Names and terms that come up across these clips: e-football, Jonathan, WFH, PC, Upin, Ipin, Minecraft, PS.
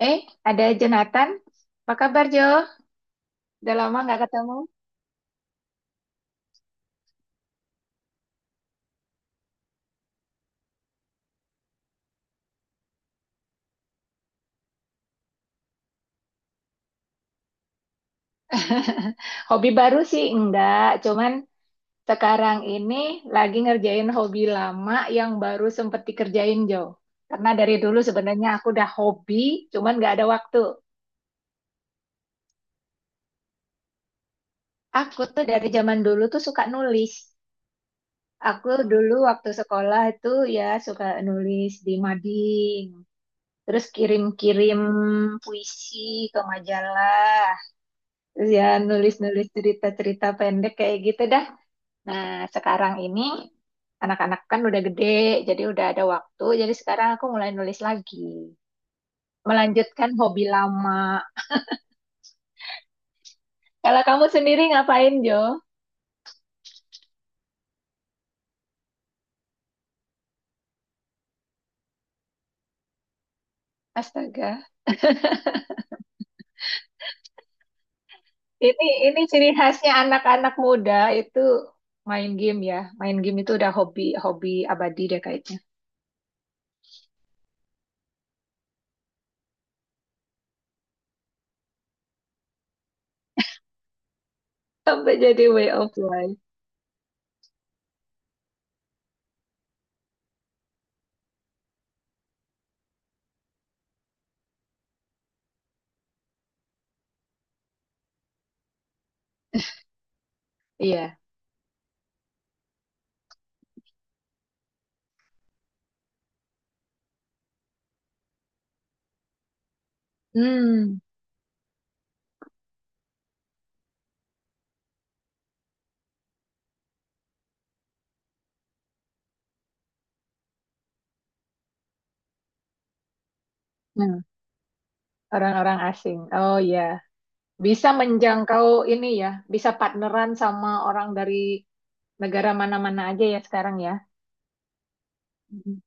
Eh, ada Jonathan. Apa kabar, Jo? Udah lama nggak ketemu. Hobi baru sih enggak, cuman sekarang ini lagi ngerjain hobi lama yang baru sempet dikerjain, Jo. Karena dari dulu sebenarnya aku udah hobi, cuman nggak ada waktu. Aku tuh dari zaman dulu tuh suka nulis. Aku dulu waktu sekolah itu ya suka nulis di mading, terus kirim-kirim puisi ke majalah. Terus ya nulis-nulis cerita-cerita pendek kayak gitu dah. Nah, sekarang ini anak-anak kan udah gede, jadi udah ada waktu. Jadi sekarang aku mulai nulis lagi. Melanjutkan hobi lama. Kalau kamu sendiri ngapain, Jo? Astaga. Ini ciri khasnya anak-anak muda itu main game ya. Main game itu udah hobi hobi abadi deh kayaknya. Sampai jadi way of life. Iya. Hmm. Hmm. Orang-orang asing. Oh iya. Bisa menjangkau ini ya, bisa partneran sama orang dari negara mana-mana aja ya sekarang ya. Mm-mm.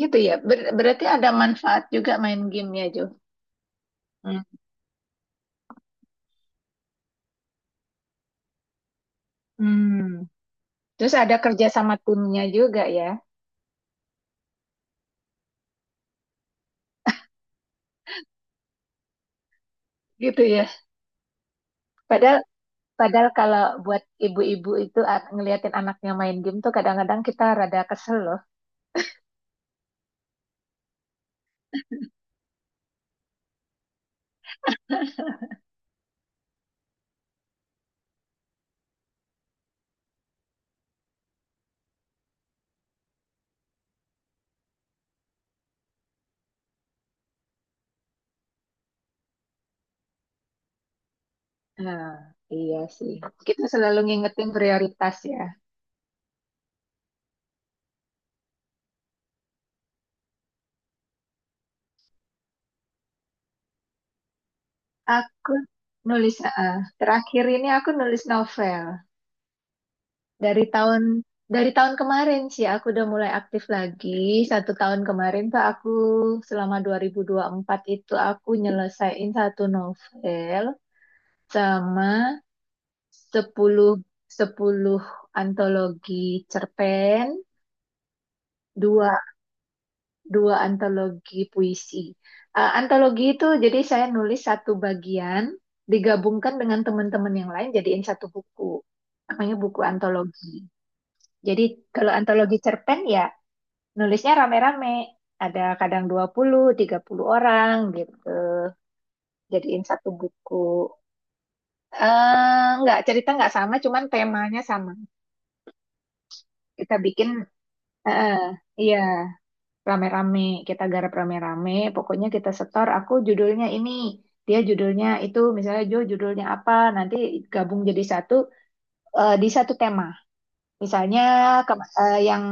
Gitu ya. Berarti ada manfaat juga main gamenya, Jo. Mm. Hmm. Terus ada kerja sama timnya juga ya. Gitu ya. Padahal padahal kalau buat ibu-ibu itu ngeliatin anaknya main game tuh kadang-kadang kita rada kesel loh. Nah, iya sih. Kita selalu ngingetin prioritas ya. Aku nulis ah, ah. Terakhir ini aku nulis novel. Dari tahun dari tahun kemarin sih aku udah mulai aktif lagi. Satu tahun kemarin tuh aku selama dua ribu empat itu aku nyelesain satu novel sama sepuluh 10 antologi cerpen, dua dua antologi puisi. Antologi itu jadi saya nulis satu bagian digabungkan dengan teman-teman yang lain jadiin satu buku. Namanya buku antologi. Jadi kalau antologi cerpen ya nulisnya rame-rame, ada kadang 20, 30 orang gitu. Jadiin satu buku. Eh nggak, cerita nggak sama, cuman temanya sama. Kita bikin, eh, iya, rame-rame. Kita garap rame-rame, pokoknya kita setor, aku judulnya ini, dia judulnya itu, misalnya Jo judulnya apa, nanti gabung jadi satu, di satu tema. Misalnya kema- eh, yang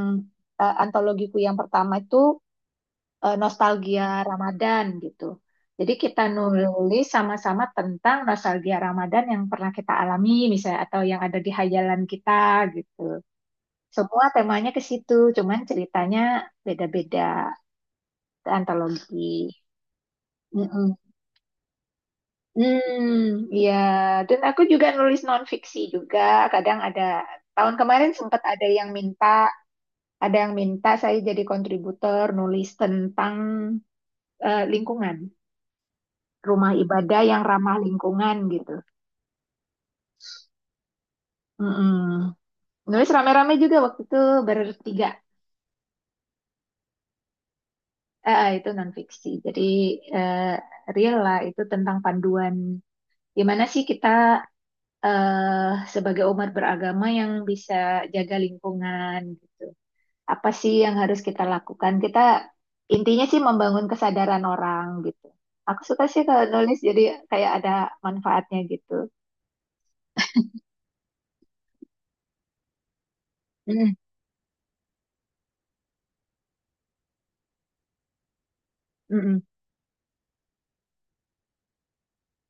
antologiku yang pertama itu nostalgia Ramadan gitu. Jadi kita nulis sama-sama tentang nostalgia Ramadan yang pernah kita alami misalnya atau yang ada di hayalan kita gitu. Semua temanya ke situ, cuman ceritanya beda-beda antologi. Mm-mm. Hmm, ya. Dan aku juga nulis non-fiksi juga. Kadang ada, tahun kemarin sempat ada yang minta saya jadi kontributor nulis tentang lingkungan. Rumah ibadah yang ramah lingkungan gitu. Mm-mm. Nulis rame-rame juga waktu itu bertiga. Itu non fiksi. Jadi eh, real lah itu tentang panduan gimana sih kita sebagai umat beragama yang bisa jaga lingkungan gitu. Apa sih yang harus kita lakukan? Kita intinya sih membangun kesadaran orang gitu. Aku suka sih kalau nulis jadi kayak ada manfaatnya gitu. Mm, mm,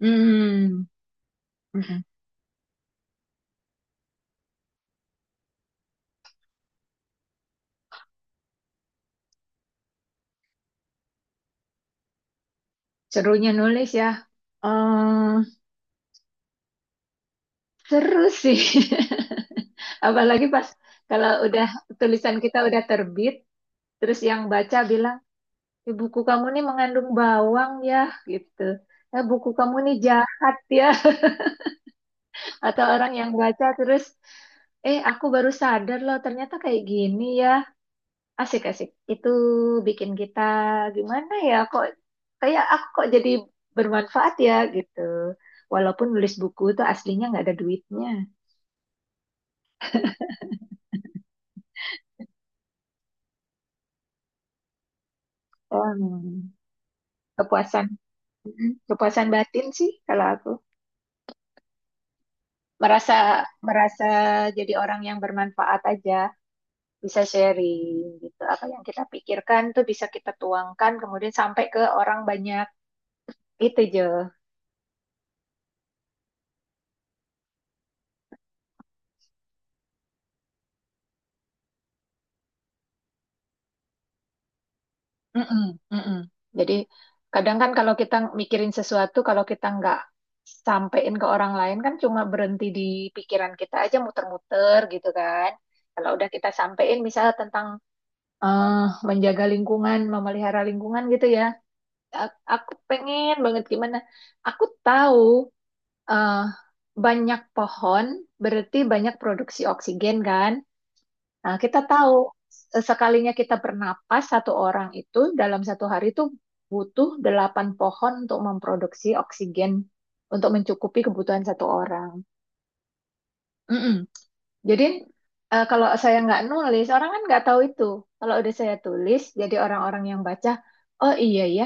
mm, mm, mm. Serunya nulis ya. Eh, Seru sih. Apalagi pas kalau udah tulisan kita udah terbit, terus yang baca bilang, "Eh, buku kamu nih mengandung bawang ya," gitu. "Eh, buku kamu nih jahat ya." Atau orang yang baca terus, aku baru sadar loh ternyata kayak gini ya. Asik, asik. Itu bikin kita gimana ya? Kok kayak aku kok jadi bermanfaat ya gitu. Walaupun nulis buku itu aslinya nggak ada duitnya. Hmm, kepuasan. Mm, kepuasan batin sih kalau aku merasa merasa jadi orang yang bermanfaat aja, bisa sharing gitu. Apa yang kita pikirkan tuh bisa kita tuangkan kemudian sampai ke orang banyak. Itu, Jo. Mm-mm, mm-mm. Jadi kadang kan kalau kita mikirin sesuatu, kalau kita nggak sampein ke orang lain kan cuma berhenti di pikiran kita aja muter-muter gitu kan. Kalau udah kita sampein misalnya tentang eh, menjaga lingkungan, memelihara lingkungan gitu ya. Aku pengen banget gimana. Aku tahu eh, banyak pohon berarti banyak produksi oksigen kan. Nah, kita tahu sekalinya kita bernapas satu orang itu dalam satu hari itu butuh delapan pohon untuk memproduksi oksigen untuk mencukupi kebutuhan satu orang. Mm-mm. Jadi kalau saya nggak nulis, orang kan nggak tahu itu. Kalau udah saya tulis, jadi orang-orang yang baca, oh iya ya,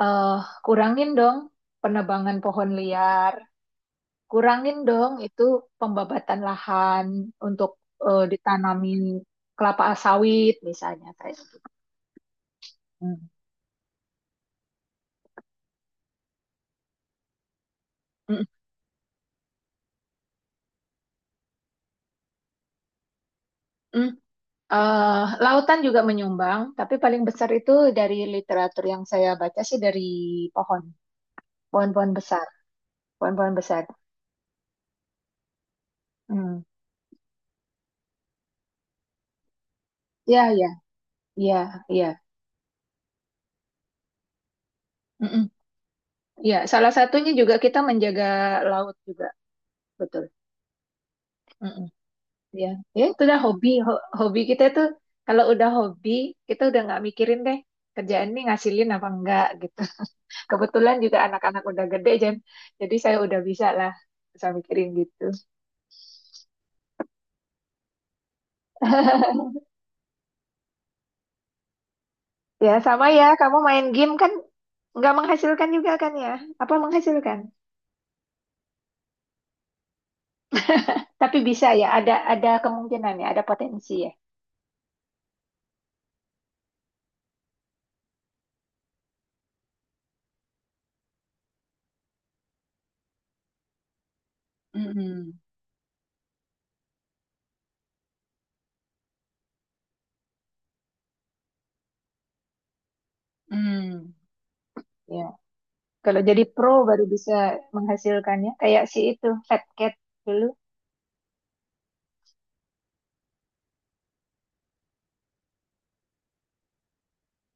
eh, kurangin dong penebangan pohon liar, kurangin dong itu pembabatan lahan untuk ditanamin kelapa sawit misalnya kayak. Hmm. Mm, mm. Lautan juga menyumbang, tapi paling besar itu dari literatur yang saya baca sih dari pohon, pohon-pohon besar, pohon-pohon besar. Hmm. Ya, ya, ya, ya. Mm-mm. Ya, salah satunya juga kita menjaga laut juga, betul. Mm-mm. Ya, ya itu udah hobi. Hobi kita itu kalau udah hobi kita udah nggak mikirin deh kerjaan ini ngasilin apa enggak gitu. Kebetulan juga anak-anak udah gede, Jen. Jadi saya udah bisa lah, bisa mikirin gitu. Ya, sama ya. Kamu main game kan nggak menghasilkan juga kan ya? Apa menghasilkan? Tapi bisa ya. Ada kemungkinan ya. Ada potensi ya. Mm-mm. Mm. Ya. Kalau jadi pro baru bisa menghasilkannya. Kayak si itu Fat Cat dulu.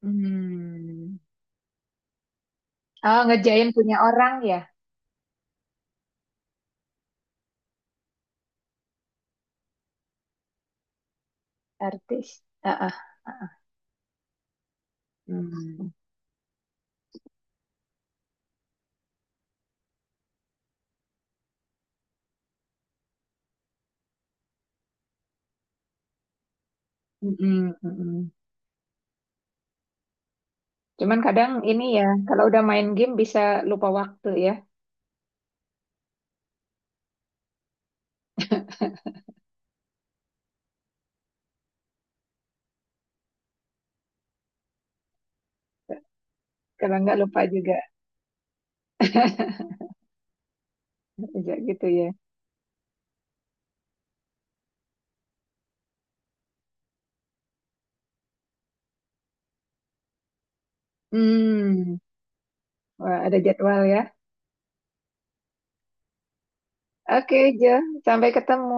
Mm. Ah, ngerjain punya orang ya, artis. Ah, ah. Mm. Mm-mm. Mm-mm. Cuman kadang ini ya, kalau udah main game bisa lupa waktu ya. Kalau nggak lupa juga, bisa gitu ya. Hmm, wah, ada jadwal ya. Oke, Jo, sampai ketemu.